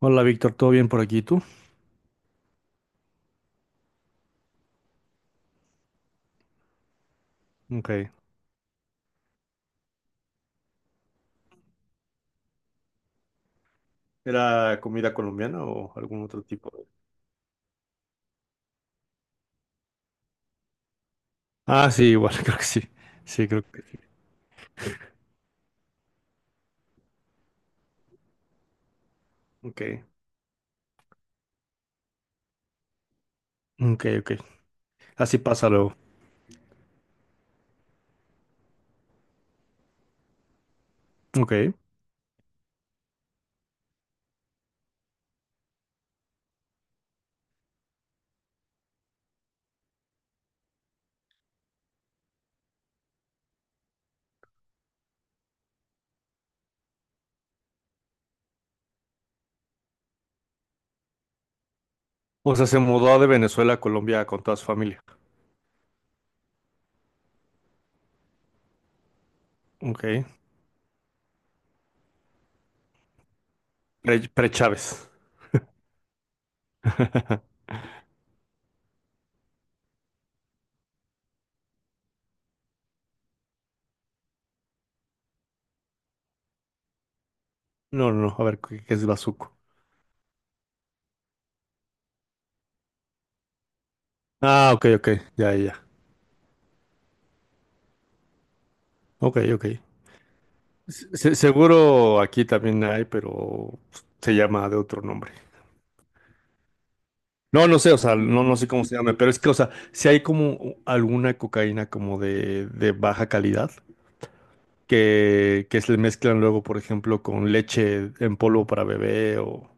Hola Víctor, ¿todo bien por aquí? ¿Tú? Ok. ¿Era comida colombiana o algún otro tipo de? Ah, sí, igual, creo que sí. Sí, creo que sí. Ok. Ok, ok. Así pasa luego. Ok. O sea, se mudó de Venezuela a Colombia con toda su familia. Ok. Pre-Chávez. No, no, no. A ver, ¿qué es bazuco? Ah, ok, ok. Ya, ya. Ya. Ok, ok. Seguro aquí también hay, pero se llama de otro nombre. No, no sé, o sea, no, no sé cómo se llama, pero es que, o sea, si hay como alguna cocaína como de baja calidad que se le mezclan luego, por ejemplo, con leche en polvo para bebé o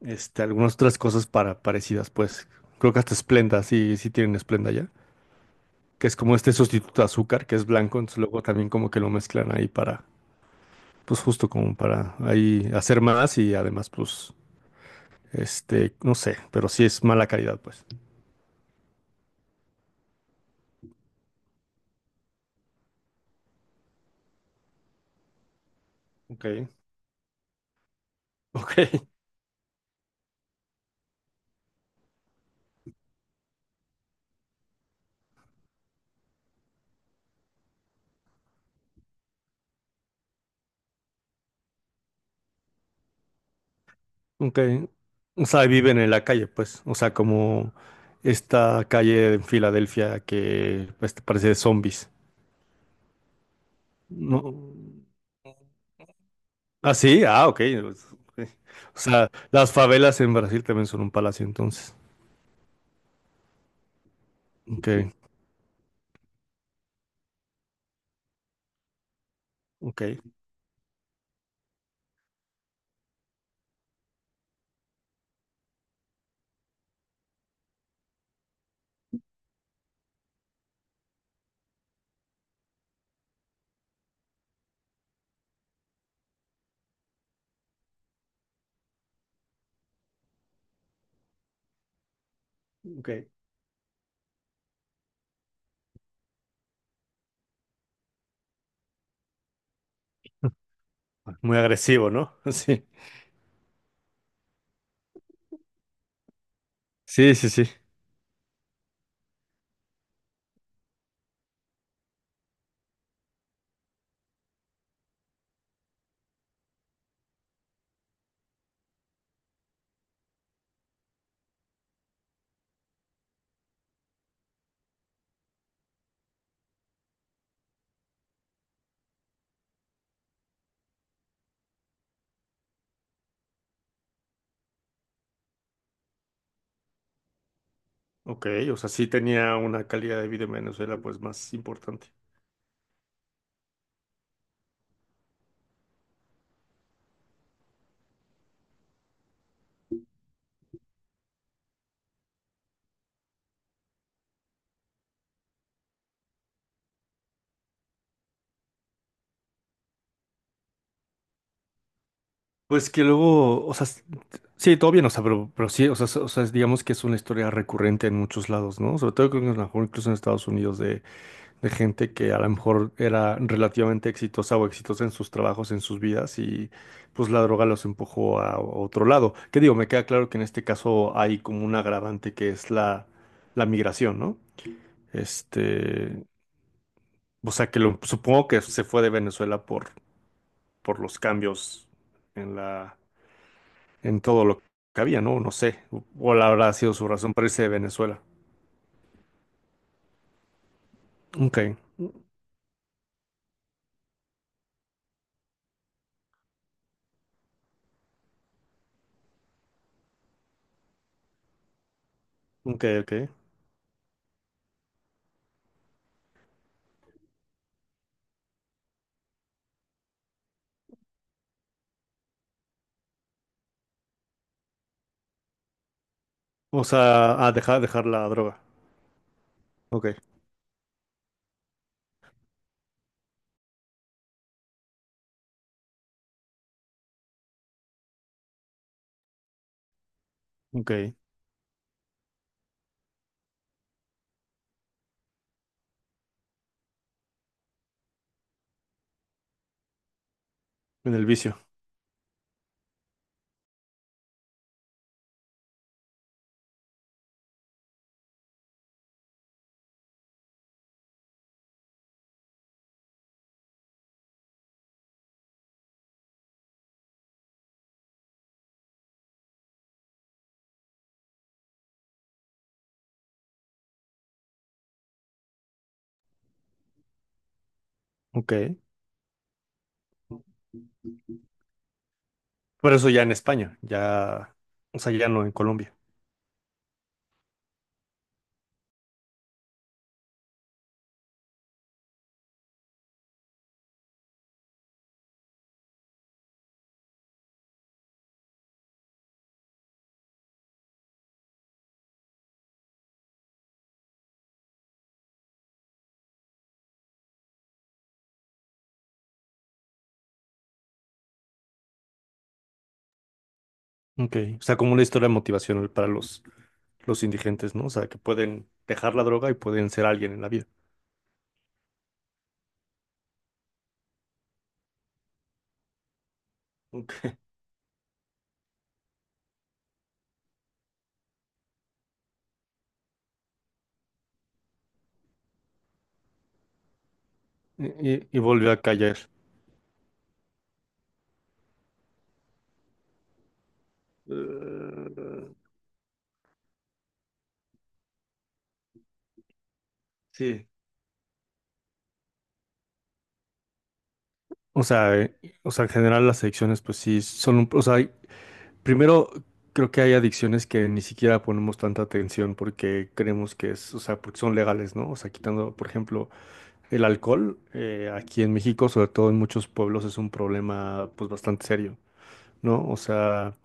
algunas otras cosas para, parecidas, pues creo que hasta Splenda, sí, sí tienen Splenda ya, que es como este sustituto de azúcar, que es blanco, entonces luego también como que lo mezclan ahí para, pues justo como para ahí hacer más y además, pues, no sé, pero sí es mala calidad, pues. Ok, ok. Ok. O sea, viven en la calle, pues. O sea, como esta calle en Filadelfia que pues, te parece de zombies. No. Ah, sí, ah, ok. Pues, ok. O sea, las favelas en Brasil también son un palacio, entonces. Ok, ok, ok. Muy agresivo, ¿no? Sí. Sí, sí, sí. Ok, o sea, sí tenía una calidad de vida en Venezuela, pues, más importante. Pues que luego, o sea, sí, todo bien, o sea, pero sí, o sea, so, o sea, digamos que es una historia recurrente en muchos lados, ¿no? Sobre todo creo que a lo mejor incluso en Estados Unidos de gente que a lo mejor era relativamente exitosa o exitosa en sus trabajos, en sus vidas, y pues la droga los empujó a otro lado. Que digo, me queda claro que en este caso hay como un agravante que es la migración, ¿no? Este, o sea, que lo, supongo que se fue de Venezuela por los cambios en todo lo que había, ¿no? No sé, cuál habrá sido su razón para irse de Venezuela. Ok, ok, ok. O sea, a dejar la droga. Ok, ok. En el vicio. Ok. Pero eso ya en España, ya, o sea, ya no en Colombia. Ok. O sea, como una historia motivacional para los indigentes, ¿no? O sea, que pueden dejar la droga y pueden ser alguien en la vida. Ok. Y volvió a caer. Eh, sí. O sea, eh, o sea, en general las adicciones, pues sí, son un, o sea, primero, creo que hay adicciones que ni siquiera ponemos tanta atención porque creemos que es, o sea, porque son legales, ¿no? O sea, quitando, por ejemplo, el alcohol, aquí en México, sobre todo en muchos pueblos, es un problema, pues, bastante serio, ¿no? O sea,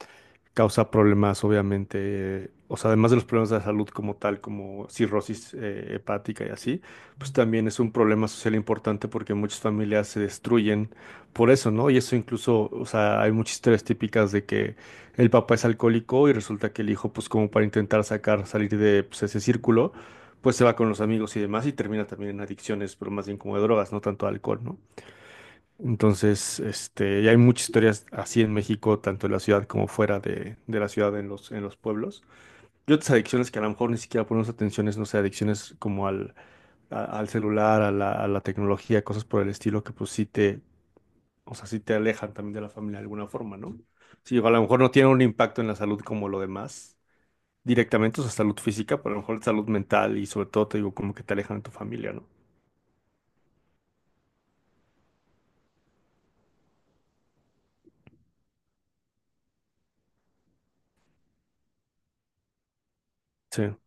causa problemas, obviamente, o sea, además de los problemas de la salud como tal, como cirrosis hepática y así, pues también es un problema social importante porque muchas familias se destruyen por eso, ¿no? Y eso incluso, o sea, hay muchas historias típicas de que el papá es alcohólico y resulta que el hijo, pues como para intentar sacar, salir de pues, ese círculo, pues se va con los amigos y demás y termina también en adicciones, pero más bien como de drogas, no tanto alcohol, ¿no? Entonces, y hay muchas historias así en México, tanto en la ciudad como fuera de la ciudad, en los pueblos. Y otras adicciones que a lo mejor ni siquiera ponemos atención, es, no sé, adicciones como al celular, a la tecnología, cosas por el estilo que pues sí te, o sea, sí te alejan también de la familia de alguna forma, ¿no? Sí, a lo mejor no tiene un impacto en la salud como lo demás, directamente, o sea, salud física, pero a lo mejor salud mental y sobre todo te digo como que te alejan de tu familia, ¿no? Sí,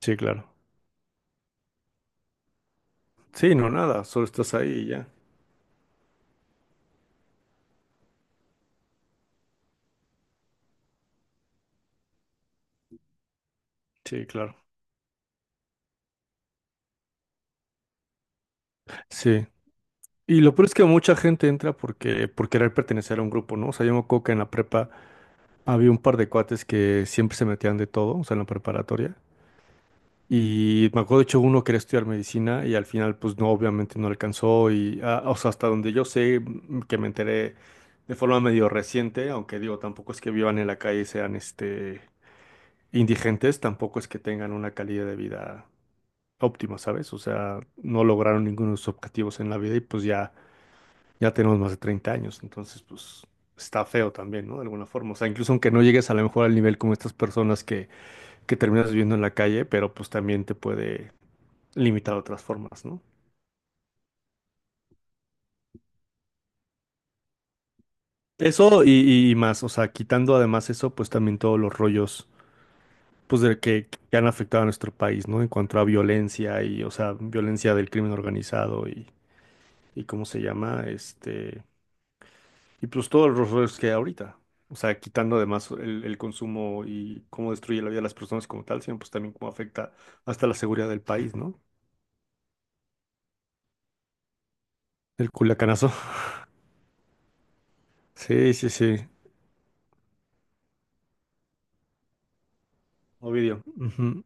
sí, claro. Sí, no, nada, solo estás ahí y ya. Sí, claro. Sí. Y lo peor es que mucha gente entra porque, por querer pertenecer a un grupo, ¿no? O sea, yo me acuerdo que en la prepa había un par de cuates que siempre se metían de todo, o sea, en la preparatoria. Y me acuerdo, de hecho, uno quería estudiar medicina y al final, pues no, obviamente no alcanzó. Y, ah, o sea, hasta donde yo sé, que me enteré de forma medio reciente, aunque digo, tampoco es que vivan en la calle y sean, indigentes, tampoco es que tengan una calidad de vida óptima, ¿sabes? O sea, no lograron ninguno de sus objetivos en la vida y pues ya tenemos más de 30 años, entonces pues está feo también, ¿no? De alguna forma. O sea, incluso aunque no llegues a lo mejor al nivel como estas personas que terminas viviendo en la calle, pero pues también te puede limitar de otras formas, ¿no? Eso y más, o sea, quitando además eso, pues también todos los rollos, pues de que han afectado a nuestro país, ¿no? En cuanto a violencia y, o sea, violencia del crimen organizado y ¿cómo se llama? Y pues todos los errores que hay ahorita. O sea, quitando además el consumo y cómo destruye la vida de las personas como tal, sino pues también cómo afecta hasta la seguridad del país, ¿no? El culacanazo. Sí, sí, sí. Ovidio. Ujú.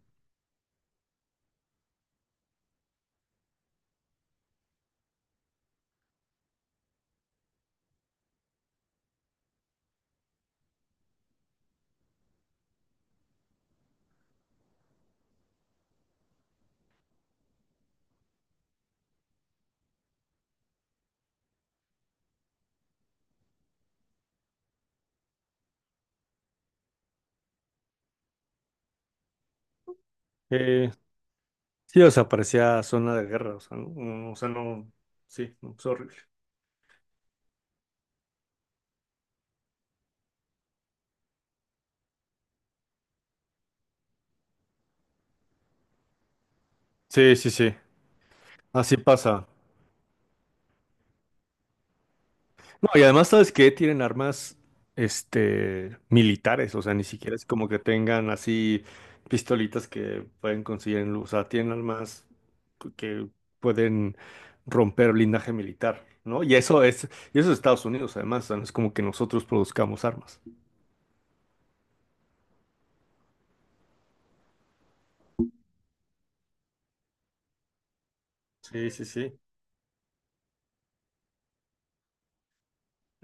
Eh, sí, o sea, parecía zona de guerra. O sea, no, o sea, no. Sí, no, es horrible. Sí, sí, sí. Así pasa. No, y además, ¿sabes qué? Tienen armas, militares, o sea, ni siquiera es como que tengan así pistolitas que pueden conseguir en luz, o sea, tienen armas que pueden romper blindaje militar, ¿no? Y eso es Estados Unidos, además, o sea, no es como que nosotros produzcamos armas. Sí, sí, sí.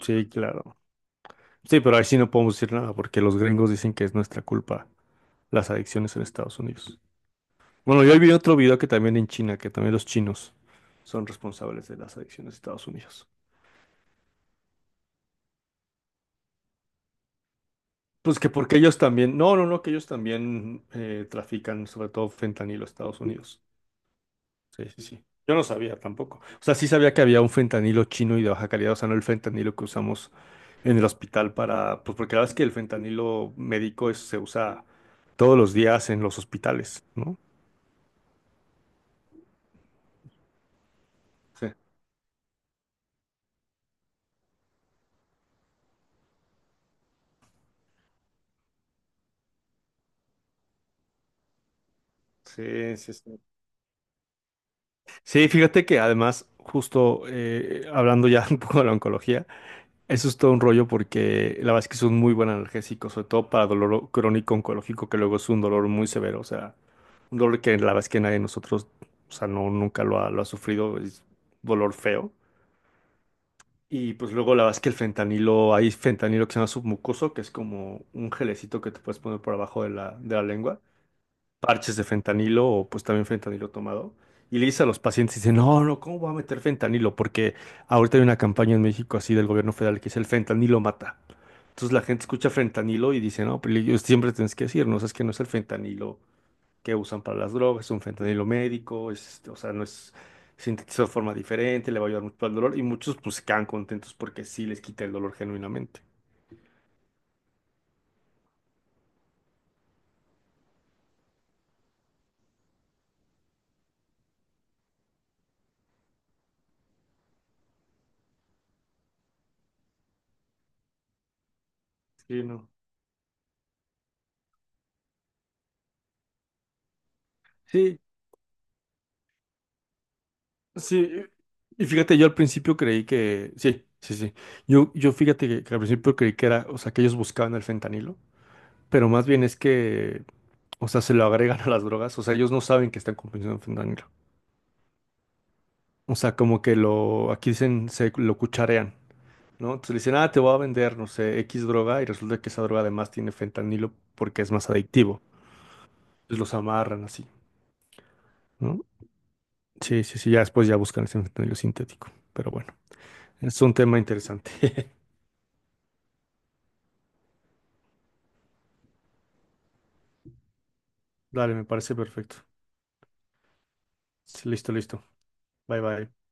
Sí, claro. Sí, pero ahí sí no podemos decir nada porque los gringos dicen que es nuestra culpa las adicciones en Estados Unidos. Bueno, yo vi otro video que también en China, que también los chinos son responsables de las adicciones de Estados Unidos. Pues que porque ellos también, no, no, no, que ellos también trafican sobre todo fentanilo a Estados Unidos. Sí, sí, sí. Yo no sabía tampoco. O sea, sí sabía que había un fentanilo chino y de baja calidad, o sea, no el fentanilo que usamos en el hospital para, pues porque la verdad es que el fentanilo médico se usa todos los días en los hospitales, ¿no? Sí, sí, sí. Sí. Sí, fíjate que además, justo hablando ya un poco de la oncología, eso es todo un rollo porque la verdad es que es un muy buen analgésico, sobre todo para dolor crónico oncológico, que luego es un dolor muy severo, o sea, un dolor que la verdad es que nadie de nosotros, o sea, no, nunca lo ha sufrido, es dolor feo. Y pues luego la verdad es que el fentanilo, hay fentanilo que se llama submucoso, que es como un gelecito que te puedes poner por abajo de la, lengua parches de fentanilo o pues también fentanilo tomado. Y le dice a los pacientes, dice, no, no, ¿cómo voy a meter fentanilo? Porque ahorita hay una campaña en México así del gobierno federal que es el fentanilo mata. Entonces la gente escucha fentanilo y dice, no, pero ellos siempre tienes que decir, no, es que no es el fentanilo que usan para las drogas, es un fentanilo médico, es, o sea, no es sintetizado de forma diferente, le va a ayudar mucho al dolor. Y muchos pues quedan contentos porque sí les quita el dolor genuinamente. Sí, no. Sí. Sí, y fíjate, yo al principio creí que, sí, sí, sí, yo fíjate que al principio creí que era, o sea, que ellos buscaban el fentanilo, pero más bien es que, o sea, se lo agregan a las drogas, o sea, ellos no saben que están consumiendo fentanilo, o sea, como que lo, aquí dicen, se lo cucharean, ¿no? Entonces le dicen, ah, te voy a vender, no sé, X droga, y resulta que esa droga además tiene fentanilo porque es más adictivo, entonces los amarran así, ¿no? Sí, sí, sí, ya después ya buscan ese fentanilo sintético, pero bueno, es un tema interesante. Dale, me parece perfecto. Listo, listo. Bye, bye.